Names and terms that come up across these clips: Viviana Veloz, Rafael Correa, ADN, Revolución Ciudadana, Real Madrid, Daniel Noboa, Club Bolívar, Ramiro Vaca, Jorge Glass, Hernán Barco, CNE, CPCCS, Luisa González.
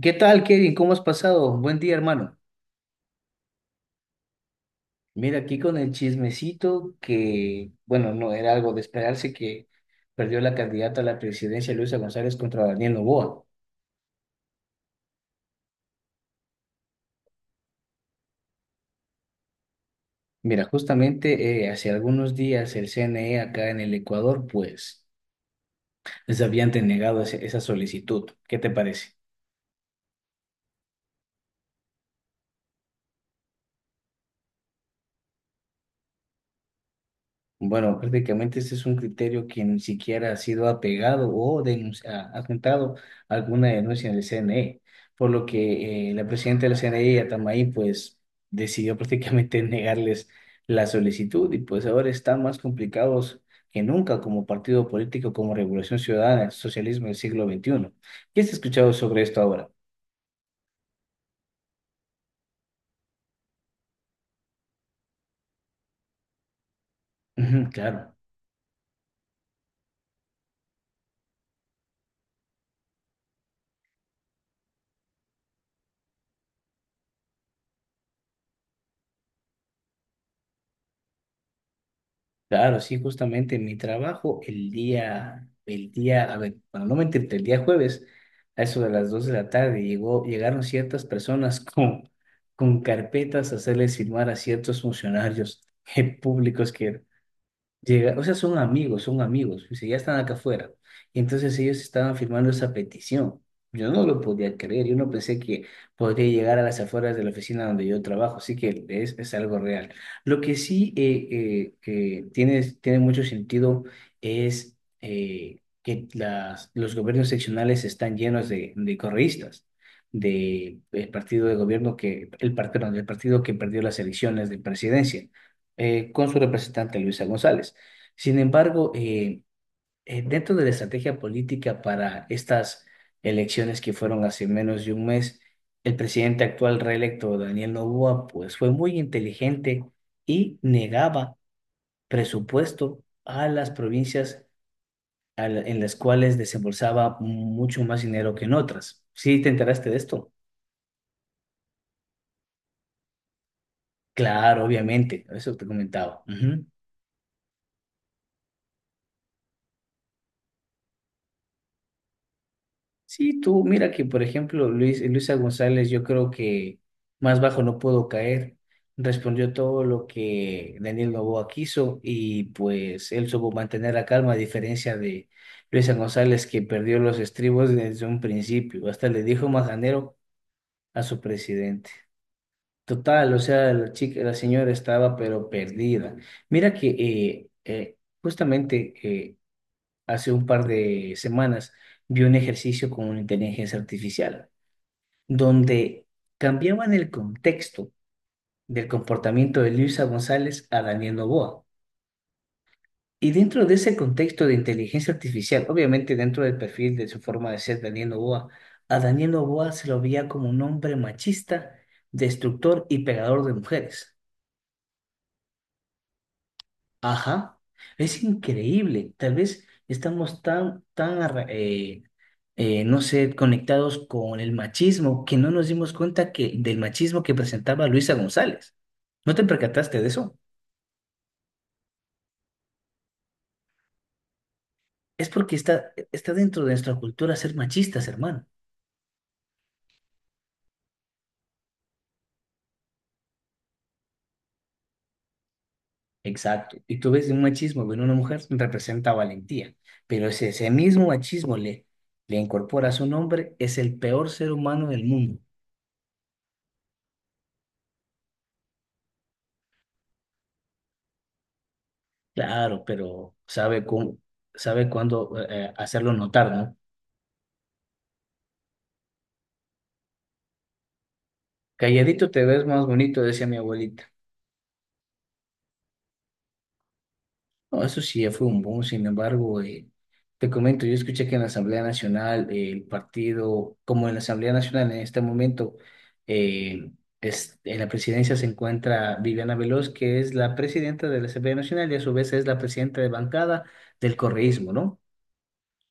¿Qué tal, Kevin? ¿Cómo has pasado? Buen día, hermano. Mira, aquí con el chismecito que, bueno, no era algo de esperarse que perdió la candidata a la presidencia Luisa González contra Daniel Noboa. Mira, justamente hace algunos días el CNE acá en el Ecuador, pues, les habían denegado esa solicitud. ¿Qué te parece? Bueno, prácticamente este es un criterio que ni siquiera ha sido apegado o atentado a alguna denuncia del CNE, por lo que la presidenta del CNE, Atamay, pues decidió prácticamente negarles la solicitud, y pues ahora están más complicados que nunca como partido político, como Revolución Ciudadana, socialismo del siglo XXI. ¿Qué has escuchado sobre esto ahora? Ujú, claro. Claro, sí, justamente en mi trabajo a ver, bueno, no me entiendo, el día jueves, a eso de las 2 de la tarde, llegaron ciertas personas con carpetas a hacerles firmar a ciertos funcionarios públicos que. Llega, o sea, son amigos, o sea, ya están acá afuera. Y entonces ellos estaban firmando esa petición. Yo no lo podía creer, yo no pensé que podría llegar a las afueras de la oficina donde yo trabajo, así que es algo real. Lo que sí que tiene mucho sentido es que los gobiernos seccionales están llenos de correístas, del partido de gobierno que, perdón, del partido que perdió las elecciones de presidencia con su representante Luisa González. Sin embargo, dentro de la estrategia política para estas elecciones, que fueron hace menos de un mes, el presidente actual reelecto, Daniel Noboa, pues fue muy inteligente y negaba presupuesto a las provincias en las cuales desembolsaba mucho más dinero que en otras. ¿Sí te enteraste de esto? Claro, obviamente, eso te comentaba. Ujú. Sí, tú, mira que por ejemplo, Luisa González, yo creo que más bajo no puedo caer. Respondió todo lo que Daniel Noboa quiso y pues él supo mantener la calma, a diferencia de Luisa González, que perdió los estribos desde un principio. Hasta le dijo majanero a su presidente. Total, o sea, la chica, la señora estaba pero perdida. Mira que justamente hace un par de semanas vi un ejercicio con una inteligencia artificial donde cambiaban el contexto del comportamiento de Luisa González a Daniel Noboa. Y dentro de ese contexto de inteligencia artificial, obviamente dentro del perfil de su forma de ser Daniel Noboa, a Daniel Noboa se lo veía como un hombre machista, destructor y pegador de mujeres. Ajá, es increíble. Tal vez estamos tan no sé, conectados con el machismo, que no nos dimos cuenta que del machismo que presentaba Luisa González. ¿No te percataste de eso? Es porque está, está dentro de nuestra cultura ser machistas, hermano. Exacto. Y tú ves un machismo en una mujer representa valentía, pero si ese mismo machismo le incorpora a su nombre, es el peor ser humano del mundo. Claro, pero sabe, sabe cuándo hacerlo notar, ¿no? Calladito te ves más bonito, decía mi abuelita. No, eso sí ya fue un boom. Sin embargo, te comento, yo escuché que en la Asamblea Nacional, el partido, como en la Asamblea Nacional en este momento, eh, en la presidencia se encuentra Viviana Veloz, que es la presidenta de la Asamblea Nacional, y a su vez es la presidenta de bancada del correísmo, ¿no?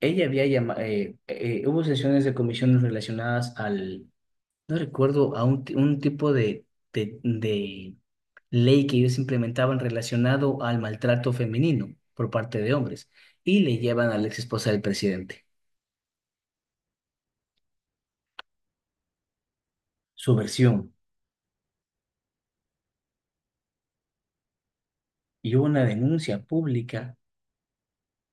Ella había llamado, hubo sesiones de comisiones relacionadas al. No recuerdo un tipo de ley que ellos implementaban, relacionado al maltrato femenino por parte de hombres, y le llevan a la ex esposa del presidente, su versión, y hubo una denuncia pública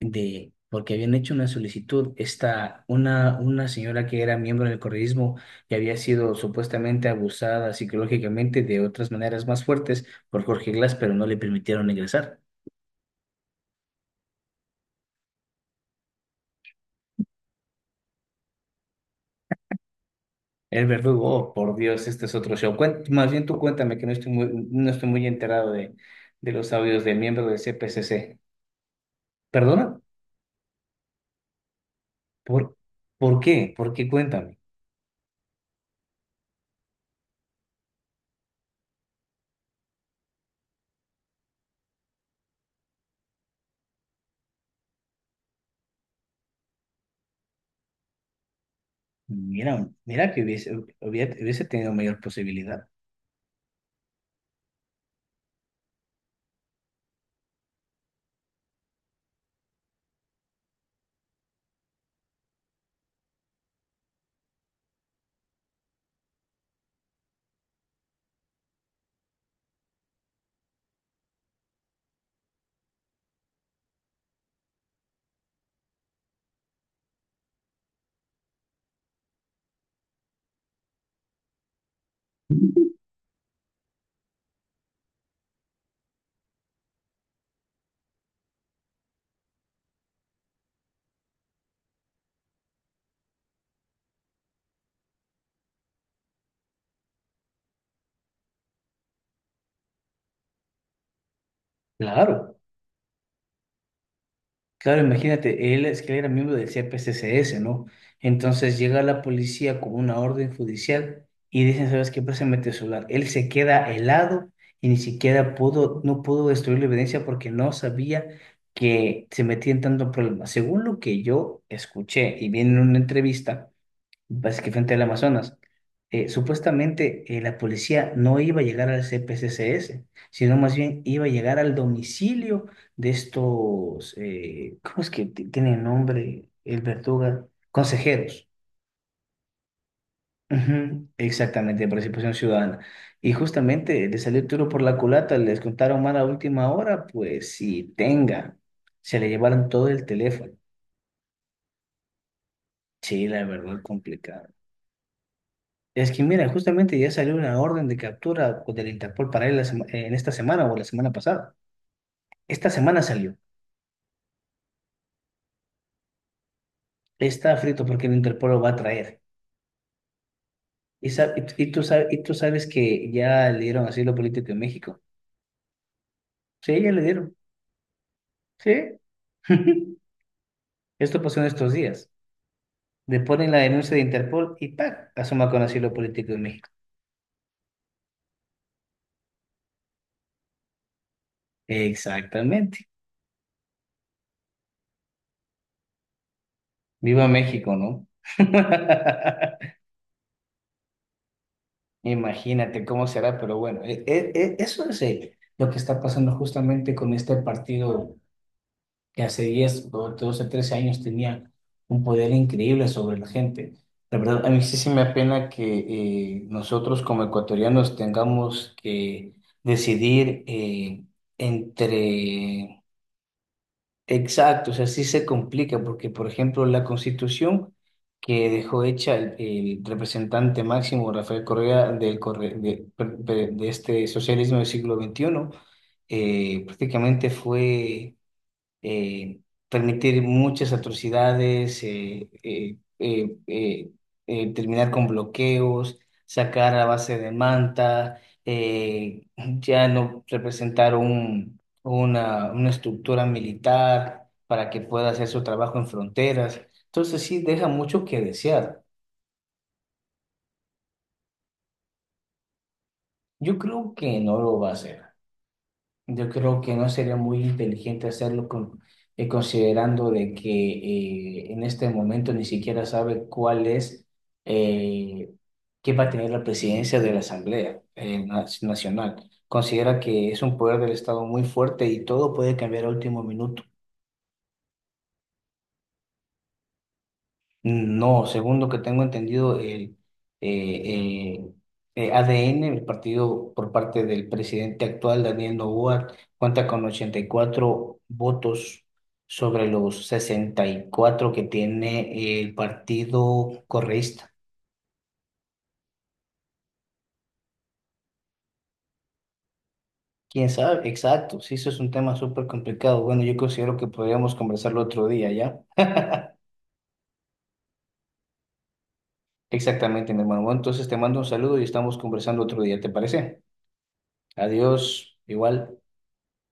de porque habían hecho una solicitud esta una señora que era miembro del correísmo y había sido supuestamente abusada psicológicamente de otras maneras más fuertes por Jorge Glass, pero no le permitieron ingresar. El verdugo, oh, por Dios, este es otro show. Más bien tú cuéntame, que no estoy muy, no estoy muy enterado de los audios del miembro del CPCC. ¿Perdona? ¿Por, por qué? ¿Por qué? Cuéntame. Mira, mira que hubiese tenido mayor posibilidad. Claro. Claro, imagínate, él es que era miembro del CPCCS, ¿no? Entonces llega la policía con una orden judicial y dicen, ¿sabes qué? Préstame tu celular. Él se queda helado, y ni siquiera pudo, no pudo destruir la evidencia, porque no sabía que se metía en tanto problema. Según lo que yo escuché y vi en una entrevista, pues, que frente al Amazonas, supuestamente la policía no iba a llegar al CPCCS, sino más bien iba a llegar al domicilio de estos, ¿cómo es que tiene nombre el Verduga? Consejeros. Ujú, exactamente, de participación ciudadana. Y justamente le salió el tiro por la culata, les contaron mal a última hora, pues si tenga, se le llevaron todo el teléfono. Sí, la verdad, complicado. Es que mira, justamente ya salió una orden de captura del Interpol para él en esta semana o la semana pasada. Esta semana salió. Está frito porque el Interpol lo va a traer. Y tú, y tú sabes que ya le dieron asilo político en México. Sí, ya le dieron. Sí. Esto pasó en estos días. Le ponen la denuncia de Interpol y ¡pac!, asoma con asilo político en México. Exactamente. Viva México, ¿no? Imagínate cómo será, pero bueno, eso es lo que está pasando justamente con este partido, que hace 10 o 12 13 años tenía un poder increíble sobre la gente. La verdad, a mí sí, sí me apena que nosotros como ecuatorianos tengamos que decidir entre. Exacto, o sea, sí se complica porque, por ejemplo, la constitución que dejó hecha el representante máximo Rafael Correa del Corre- de, per- per- de este socialismo del siglo XXI, prácticamente fue eh, permitir muchas atrocidades, terminar con bloqueos, sacar a base de manta, ya no representar una estructura militar para que pueda hacer su trabajo en fronteras. Entonces sí deja mucho que desear. Yo creo que no lo va a hacer. Yo creo que no sería muy inteligente hacerlo con, considerando de que en este momento ni siquiera sabe cuál es, eh, qué va a tener la presidencia de la Asamblea Nacional. Considera que es un poder del Estado muy fuerte y todo puede cambiar a último minuto. No, según lo que tengo entendido, el eh, eh, ADN, el partido por parte del presidente actual, Daniel Noboa, cuenta con 84 votos sobre los 64 que tiene el partido correísta. ¿Quién sabe? Exacto, sí, eso es un tema súper complicado. Bueno, yo considero que podríamos conversarlo otro día, ¿ya? Exactamente, mi hermano. Bueno, entonces te mando un saludo y estamos conversando otro día, ¿te parece? Adiós, igual.